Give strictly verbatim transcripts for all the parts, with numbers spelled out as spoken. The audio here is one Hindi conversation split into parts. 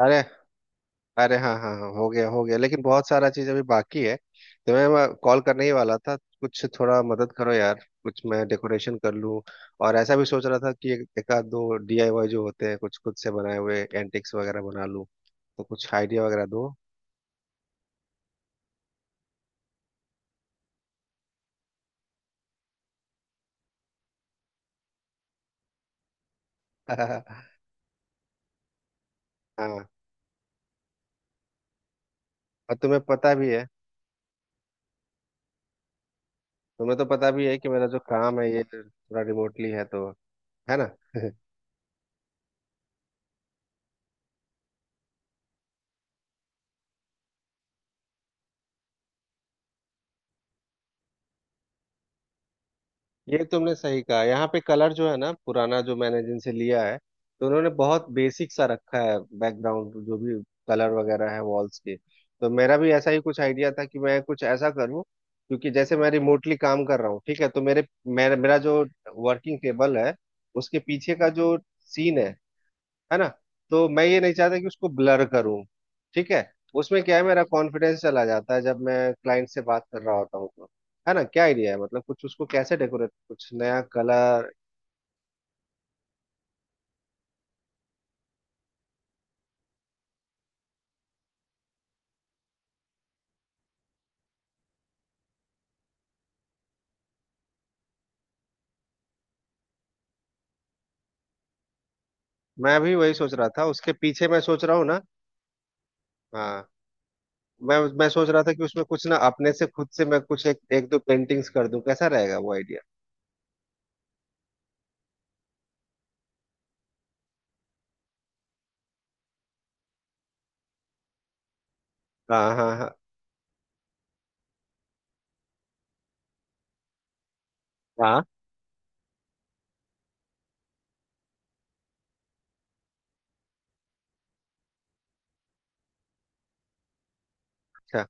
अरे, अरे हाँ हाँ हाँ, हो गया, हो गया, लेकिन बहुत सारा चीज अभी बाकी है। तो मैं कॉल करने ही वाला था, कुछ थोड़ा मदद करो यार, कुछ मैं डेकोरेशन कर लूँ। और ऐसा भी सोच रहा था कि एक एक आध दो डीआईवाई जो होते हैं कुछ खुद से बनाए हुए एंटिक्स वगैरह बना लूँ। तो कुछ आइडिया वगैरह दो। हाँ। और तुम्हें पता भी है। तुम्हें तो पता भी है कि मेरा जो काम है ये थोड़ा रिमोटली है, तो है ना। ये तुमने सही कहा। यहाँ पे कलर जो है ना, पुराना जो मैंने जिनसे लिया है, तो उन्होंने बहुत बेसिक सा रखा है बैकग्राउंड जो भी कलर वगैरह है वॉल्स के। तो मेरा भी ऐसा ही कुछ आइडिया था कि मैं कुछ ऐसा करूँ। क्योंकि जैसे मैं रिमोटली काम कर रहा हूँ, ठीक है, तो मेरे मेरा मेरा जो वर्किंग टेबल है, उसके पीछे का जो सीन है है ना, तो मैं ये नहीं चाहता कि उसको ब्लर करूं। ठीक है। उसमें क्या है, मेरा कॉन्फिडेंस चला जाता है जब मैं क्लाइंट से बात कर रहा होता हूँ तो, है ना। क्या आइडिया है, मतलब कुछ उसको कैसे डेकोरेट, कुछ नया कलर? मैं भी वही सोच रहा था उसके पीछे, मैं सोच रहा हूँ ना। हाँ, मैं मैं सोच रहा था कि उसमें कुछ ना अपने से खुद से मैं कुछ एक, एक दो पेंटिंग्स कर दूं, कैसा रहेगा वो आइडिया? हाँ हाँ हाँ हाँ। अच्छा,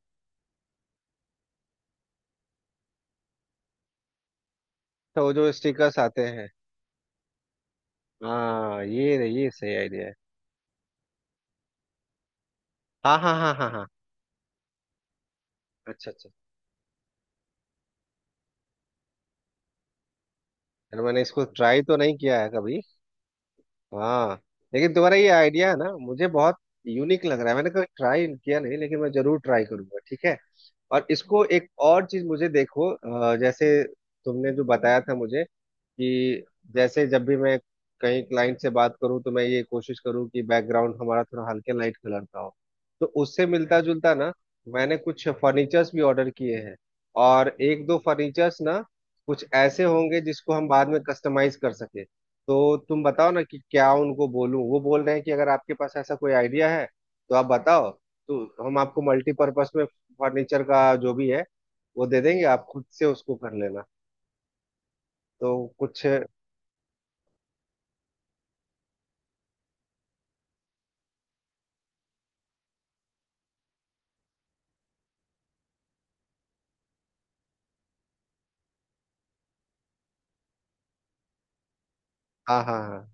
तो वो जो स्टिकर्स आते हैं? हाँ, ये ये सही आइडिया है। हाँ हाँ हाँ हाँ हाँ। अच्छा अच्छा। यार मैंने इसको ट्राई तो नहीं किया है कभी। हाँ, लेकिन तुम्हारा ये आइडिया है ना, मुझे बहुत यूनिक लग रहा है। मैंने कभी ट्राई किया नहीं, लेकिन मैं जरूर ट्राई करूंगा, ठीक है। और इसको एक और चीज मुझे देखो, अ, जैसे तुमने जो बताया था मुझे कि जैसे जब भी मैं कहीं क्लाइंट से बात करूं तो मैं ये कोशिश करूं कि बैकग्राउंड हमारा थोड़ा हल्के लाइट कलर का हो, तो उससे मिलता जुलता ना। मैंने कुछ फर्नीचर्स भी ऑर्डर किए हैं। और एक दो फर्नीचर्स ना कुछ ऐसे होंगे जिसको हम बाद में कस्टमाइज कर सके। तो तुम बताओ ना कि क्या उनको बोलूं। वो बोल रहे हैं कि अगर आपके पास ऐसा कोई आइडिया है तो आप बताओ, तो हम आपको मल्टीपर्पस में फर्नीचर का जो भी है वो दे देंगे, आप खुद से उसको कर लेना। तो कुछ हाँ हाँ हाँ।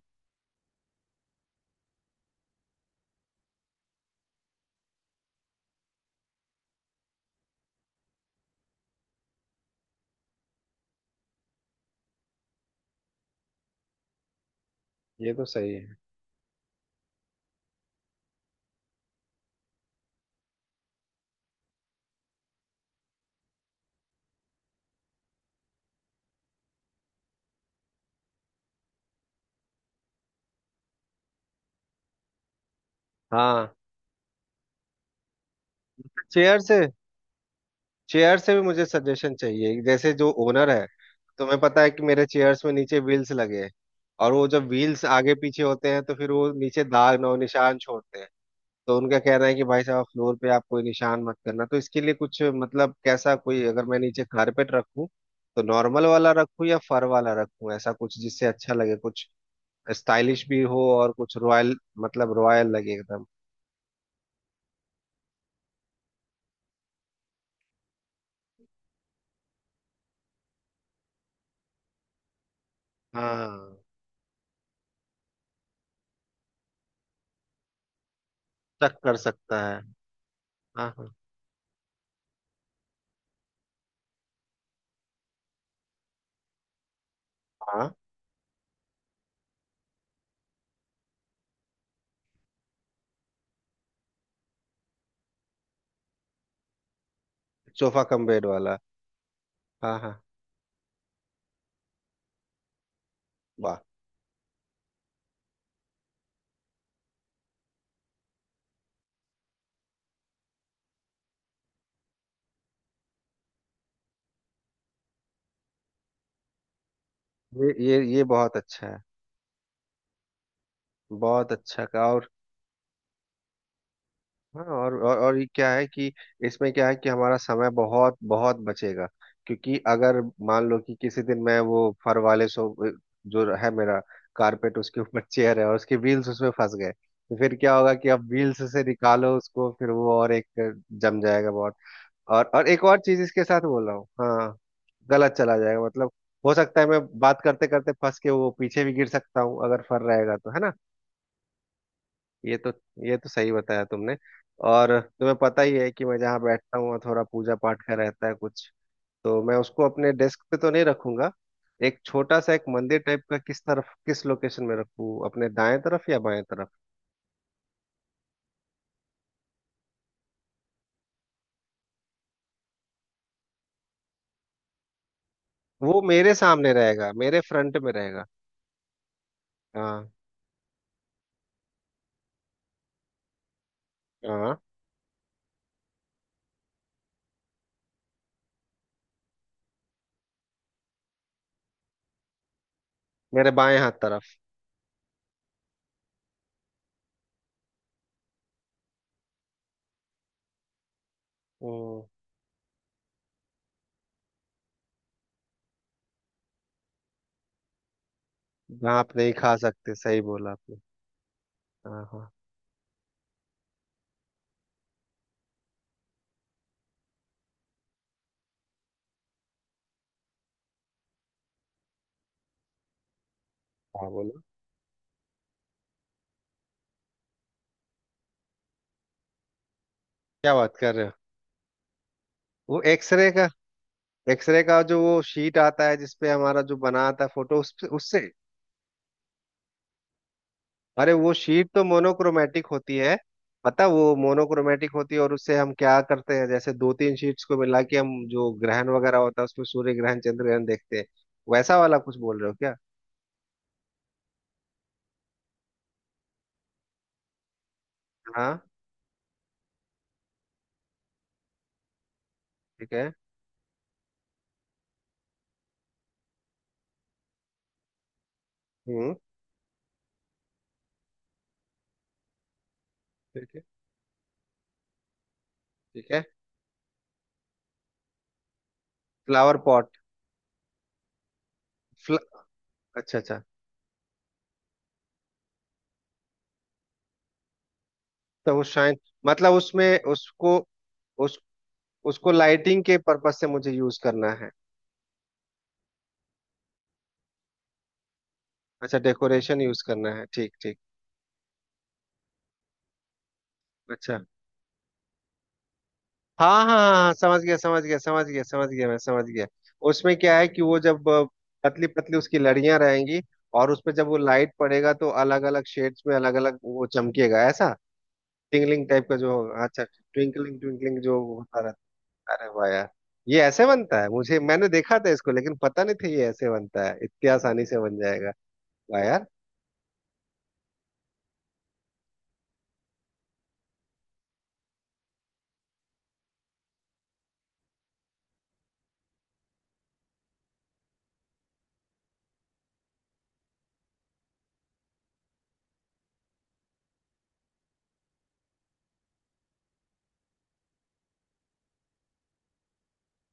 ये तो सही है। हाँ। चेयर से, चेयर से भी मुझे सजेशन चाहिए। जैसे जो ओनर है, तुम्हें पता है कि मेरे चेयर्स में नीचे व्हील्स लगे हैं। और वो जब व्हील्स आगे पीछे होते हैं तो फिर वो नीचे दाग नौ निशान छोड़ते हैं। तो उनका कहना है कि भाई साहब फ्लोर पे आप कोई निशान मत करना। तो इसके लिए कुछ, मतलब कैसा, कोई अगर मैं नीचे कारपेट रखूं, तो नॉर्मल वाला रखूं या फर वाला रखूं? ऐसा कुछ जिससे अच्छा लगे, कुछ स्टाइलिश भी हो और कुछ रॉयल, मतलब रॉयल लगे एकदम। हाँ, चक कर सकता है। हाँ हाँ हाँ। सोफा कम बेड वाला। हाँ हाँ। वाह। ये ये ये बहुत अच्छा है। बहुत अच्छा का और। हाँ, और, और और ये क्या है कि इसमें क्या है कि हमारा समय बहुत बहुत बचेगा। क्योंकि अगर मान लो कि किसी दिन मैं वो फर वाले सो जो है मेरा कारपेट, उसके ऊपर चेयर है और उसके व्हील्स उसमें फंस गए, तो फिर क्या होगा कि अब व्हील्स से निकालो उसको, फिर वो और एक जम जाएगा बहुत। और और एक और चीज इसके साथ बोल रहा हूँ, हाँ, गलत चला जाएगा मतलब। हो सकता है मैं बात करते करते फंस के वो पीछे भी गिर सकता हूँ अगर फर रहेगा तो, है ना। ये तो ये तो सही बताया तुमने। और तुम्हें पता ही है कि मैं जहाँ बैठता हूँ वहाँ थोड़ा पूजा पाठ का रहता है कुछ। तो मैं उसको अपने डेस्क पे तो नहीं रखूंगा। एक छोटा सा एक मंदिर टाइप का किस तरफ किस लोकेशन में रखूँ, अपने दाएं तरफ या बाएं तरफ? वो मेरे सामने रहेगा, मेरे फ्रंट में रहेगा। हाँ हाँ। मेरे बाएं हाथ तरफ। हम्म। जहाँ आप नहीं खा सकते, सही बोला आपने। हाँ हाँ हाँ, बोलो। क्या बात कर रहे हो, वो एक्सरे का? एक्सरे का जो वो शीट आता है जिसपे हमारा जो बना आता है फोटो, उस उससे? अरे वो शीट तो मोनोक्रोमेटिक होती है। पता, वो मोनोक्रोमेटिक होती है और उससे हम क्या करते हैं जैसे दो तीन शीट्स को मिला के हम जो ग्रहण वगैरह होता है उसमें सूर्य ग्रहण चंद्र ग्रहण देखते हैं। वैसा वाला कुछ बोल रहे हो क्या? हाँ। ठीक है। हम्म। ठीक है। ठीक है। Flower pot. फ्ल... अच्छा अच्छा। तो वो शाइन, मतलब उसमें उसको, उस उसको लाइटिंग के पर्पज से मुझे यूज करना है। अच्छा, डेकोरेशन यूज करना है, ठीक ठीक। अच्छा। हाँ हाँ हाँ हाँ, समझ गया समझ गया समझ गया समझ गया, मैं समझ गया। उसमें क्या है कि वो जब अ, पतली पतली उसकी लड़ियां रहेंगी, और उस पे जब वो लाइट पड़ेगा तो अलग अलग शेड्स में अलग अलग वो चमकेगा, ऐसा टिंगलिंग टाइप का जो होगा, अच्छा ट्विंकलिंग, ट्विंकलिंग जो होता रहता है। अरे वाह यार, ये ऐसे बनता है! मुझे, मैंने देखा था इसको लेकिन पता नहीं था ये ऐसे बनता है, इतनी आसानी से बन जाएगा। वाह यार।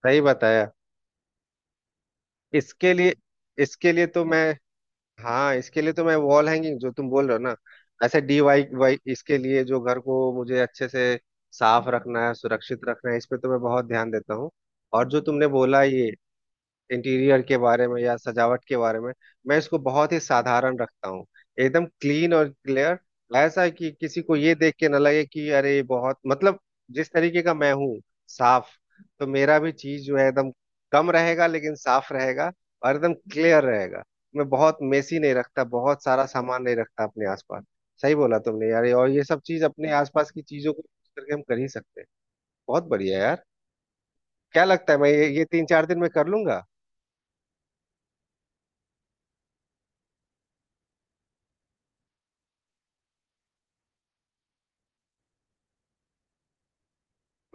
सही बताया। इसके लिए इसके लिए तो मैं हाँ इसके लिए तो मैं वॉल हैंगिंग जो तुम बोल रहे हो ना, ऐसे डी वाई वाई, इसके लिए जो घर को मुझे अच्छे से साफ रखना है सुरक्षित रखना है, इस पे तो मैं बहुत ध्यान देता हूँ। और जो तुमने बोला ये इंटीरियर के बारे में या सजावट के बारे में, मैं इसको बहुत ही साधारण रखता हूँ, एकदम क्लीन और क्लियर। ऐसा है कि किसी को ये देख के ना लगे कि अरे ये बहुत, मतलब जिस तरीके का मैं हूँ साफ, तो मेरा भी चीज जो है एकदम कम रहेगा लेकिन साफ रहेगा और एकदम क्लियर रहेगा। मैं बहुत मेसी नहीं रखता, बहुत सारा सामान नहीं रखता अपने आसपास। सही बोला तुमने यार, और ये सब चीज अपने आसपास की चीजों को use करके हम कर ही सकते हैं। बहुत बढ़िया यार। क्या लगता है मैं ये, ये तीन चार दिन में कर लूंगा?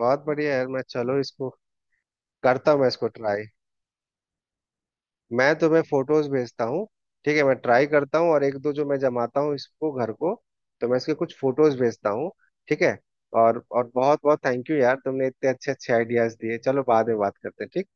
बहुत बढ़िया यार। मैं चलो इसको करता हूँ, मैं इसको ट्राई। मैं तुम्हें फोटोज भेजता हूँ। ठीक है, मैं ट्राई करता हूँ और एक दो जो मैं जमाता हूँ इसको, घर को, तो मैं इसके कुछ फोटोज भेजता हूँ। ठीक है। और और बहुत बहुत थैंक यू यार, तुमने इतने अच्छे अच्छे आइडियाज दिए। चलो, बाद में बात करते हैं। ठीक।